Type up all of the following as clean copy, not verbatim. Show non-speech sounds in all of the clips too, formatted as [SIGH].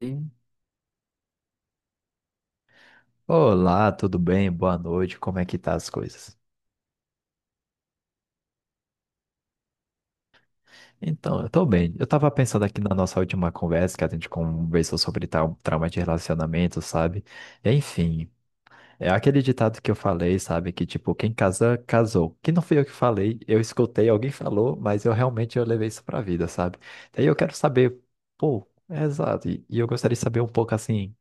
Sim. Olá, tudo bem? Boa noite. Como é que tá as coisas? Então, eu tô bem. Eu tava pensando aqui na nossa última conversa, que a gente conversou sobre tal trauma de relacionamento, sabe? Enfim, é aquele ditado que eu falei, sabe? Que tipo, quem casa, casou. Que não fui eu que falei, eu escutei, alguém falou, mas eu realmente eu levei isso pra vida, sabe? Daí eu quero saber, pô, é exato. E eu gostaria de saber um pouco assim.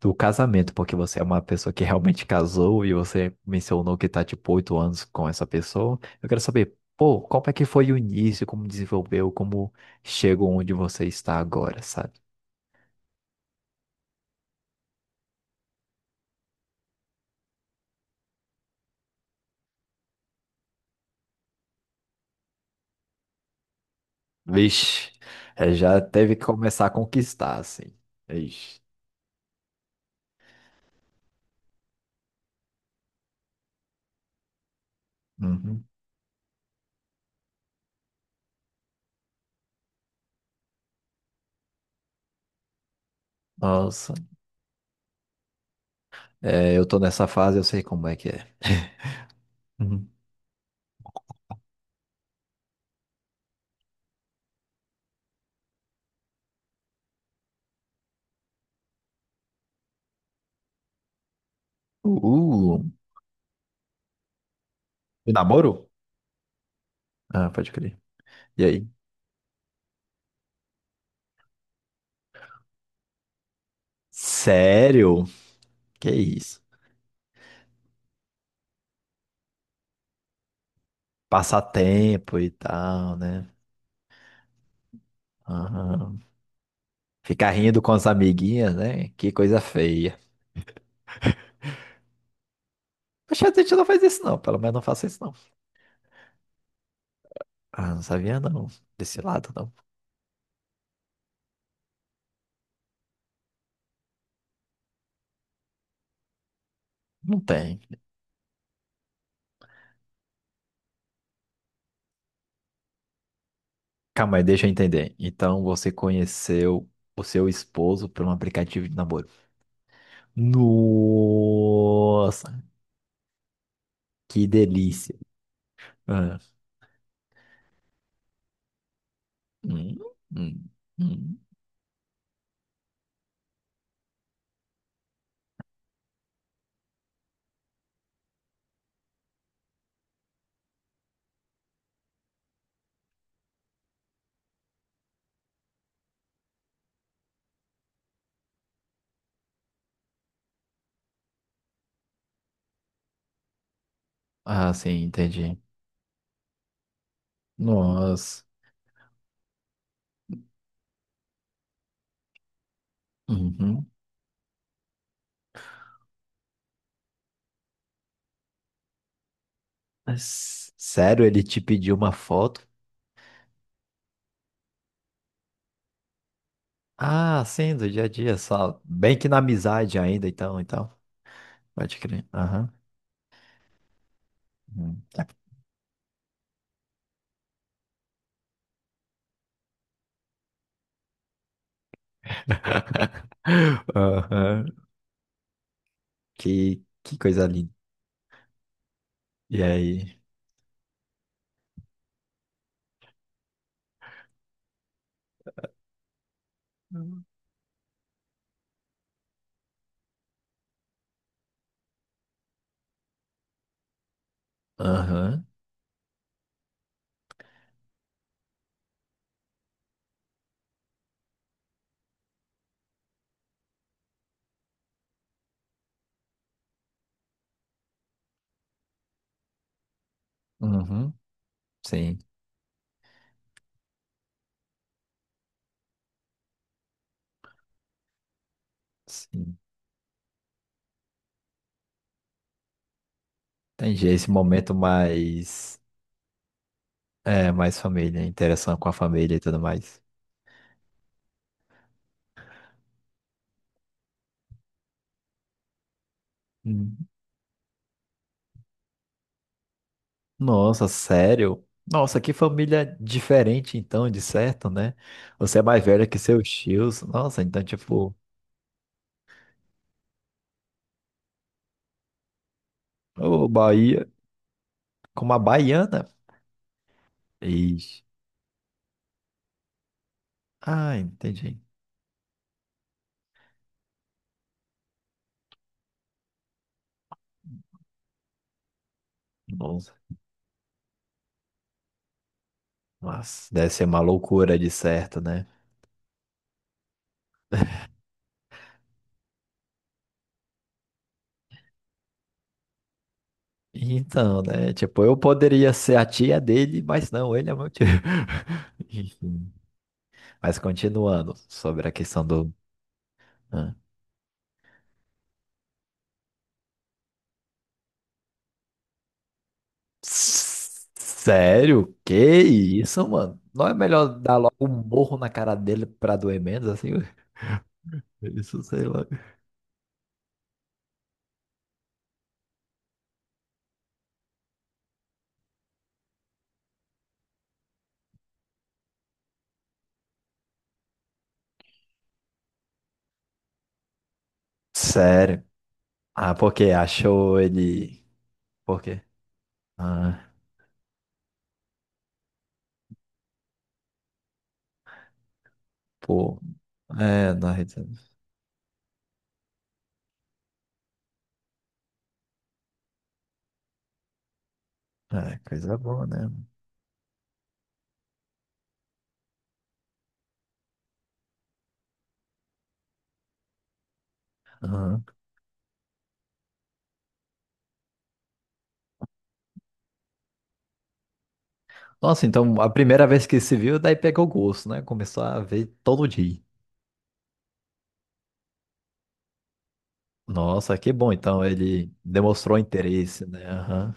Do casamento, porque você é uma pessoa que realmente casou e você mencionou que tá tipo 8 anos com essa pessoa. Eu quero saber, pô, como é que foi o início, como desenvolveu, como chegou onde você está agora, sabe? Vixe, é, já teve que começar a conquistar, assim. Ixi. Uhum. Nossa, é, eu tô nessa fase, eu sei como é que é. [LAUGHS] Uhum. Uh, e namoro? Ah, pode crer. E aí? Sério? Que isso? Passar tempo e tal, né? Ah, ficar rindo com as amiguinhas, né? Que coisa feia. Poxa, a gente não faz isso não, pelo menos não faça isso não. Ah, não sabia não, desse lado não. Não tem. Calma aí, deixa eu entender. Então você conheceu o seu esposo por um aplicativo de namoro. Nossa, que delícia. Ah, hum, hum, hum. Ah, sim, entendi. Nossa. Uhum. Sério, ele te pediu uma foto? Ah, sim, do dia a dia, só. Bem que na amizade ainda, então, então. Pode crer. Aham. Hum. [LAUGHS] Aham. Que coisa linda. E aí? Uhum. Aham. Uhum. Sim, sim. Entendi. Esse momento mais. É, mais família, interação com a família e tudo mais. Hum. Nossa, sério? Nossa, que família diferente, então, de certo, né? Você é mais velha que seus tios. Nossa, então, tipo. Ô, Bahia. Com uma baiana? Ixi. Ah, entendi. Nossa, mas deve ser uma loucura de certo, né? Então, né? Tipo, eu poderia ser a tia dele, mas não, ele é meu tio. [LAUGHS] Enfim. Mas continuando sobre a questão do. Ah. Sério? Que isso, mano? Não é melhor dar logo um morro na cara dele pra doer menos, assim? [LAUGHS] Isso, sei lá. Sério. Ah, porque achou ele. Por quê? Ah, pô. É, na Rede. É, coisa boa, né? Aham. Nossa, então a primeira vez que se viu, daí pegou gosto, né? Começou a ver todo dia. Nossa, que bom. Então ele demonstrou interesse, né? Aham.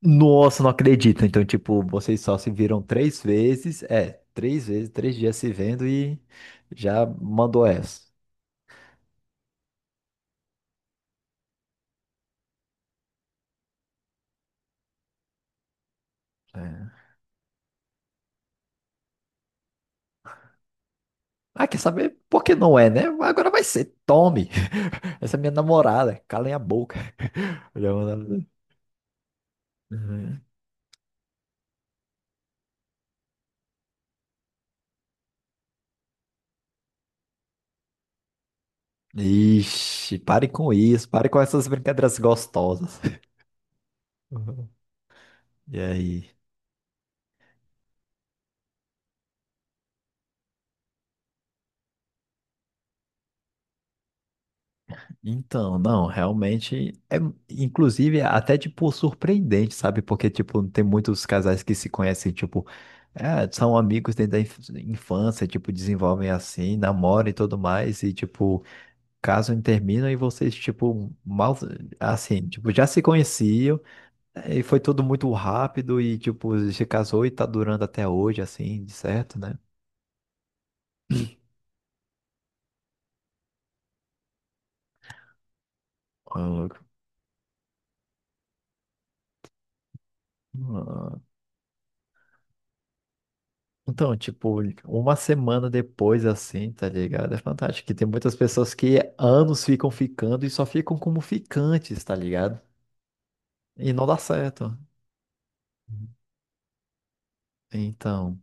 Nossa, não acredito. Então, tipo, vocês só se viram três vezes. É, três vezes, três dias se vendo e já mandou essa. É. Ah, quer saber por que não é, né? Agora vai ser. Tome! [LAUGHS] Essa é minha namorada. Calem a boca. [LAUGHS] Já mandou. Ixi, pare com isso, pare com essas brincadeiras gostosas. Uhum. E aí? Então, não, realmente é, inclusive, é até, tipo, surpreendente, sabe? Porque, tipo, tem muitos casais que se conhecem, tipo, é, são amigos desde a infância, tipo, desenvolvem assim, namoram e tudo mais, e, tipo, casam e terminam, e vocês, tipo, mal, assim, tipo, já se conheciam, e foi tudo muito rápido, e, tipo, se casou e tá durando até hoje, assim, de certo, né? Ah, louco. Ah. Então, tipo, uma semana depois, assim, tá ligado? É fantástico. Que tem muitas pessoas que anos ficam ficando e só ficam como ficantes, tá ligado? E não dá certo. Então,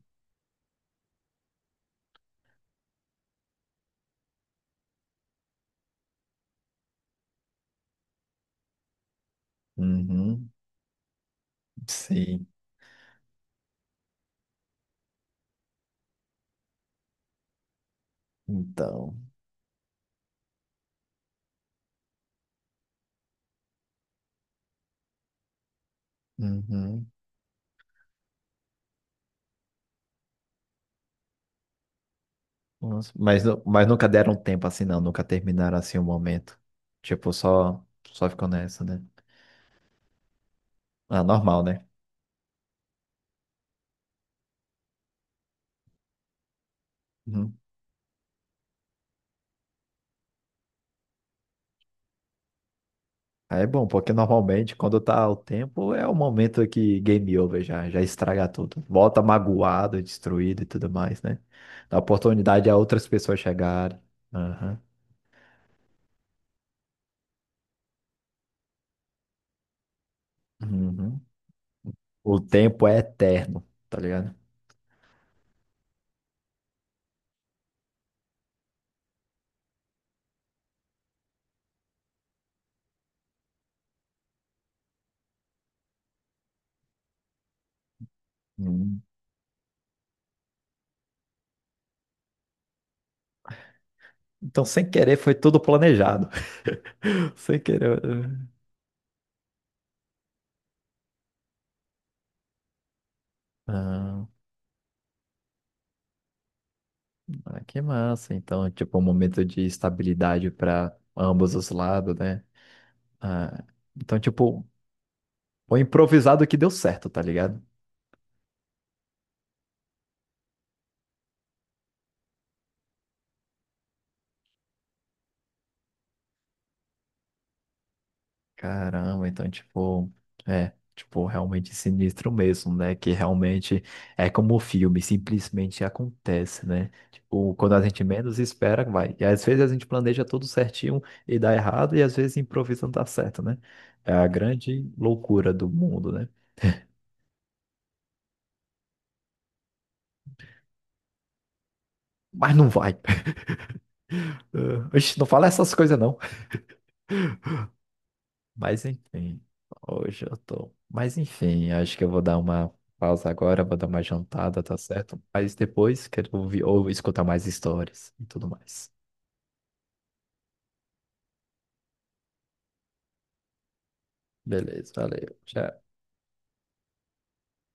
uhum, sim, então, uhum. Nossa, mas, mas nunca deram tempo assim, não, nunca terminaram assim o momento. Tipo, só ficou nessa, né? Ah, normal, né? Uhum. Aí é bom, porque normalmente quando tá o tempo é o momento que game over já, estraga tudo. Volta magoado, destruído e tudo mais, né? Dá oportunidade a outras pessoas chegarem. Aham. Uhum. O tempo é eterno, tá ligado? Uhum. Então, sem querer, foi tudo planejado. [LAUGHS] Sem querer. Ah, ah, que massa. Então, tipo, um momento de estabilidade para ambos os lados, né? Ah, então, tipo, foi improvisado que deu certo, tá ligado? Caramba, então, tipo, é, tipo, realmente sinistro mesmo, né? Que realmente é como o filme, simplesmente acontece, né? Tipo, quando a gente menos espera, vai. E às vezes a gente planeja tudo certinho e dá errado, e às vezes improvisa não dá certo, né? É a grande loucura do mundo, né? Mas não vai. [LAUGHS] Ah, oxe, não fala essas coisas, não. Mas enfim, hoje eu tô. Mas enfim, acho que eu vou dar uma pausa agora, vou dar uma jantada, tá certo? Mas depois quero ouvir ou escutar mais histórias e tudo mais. Beleza, valeu. Tchau.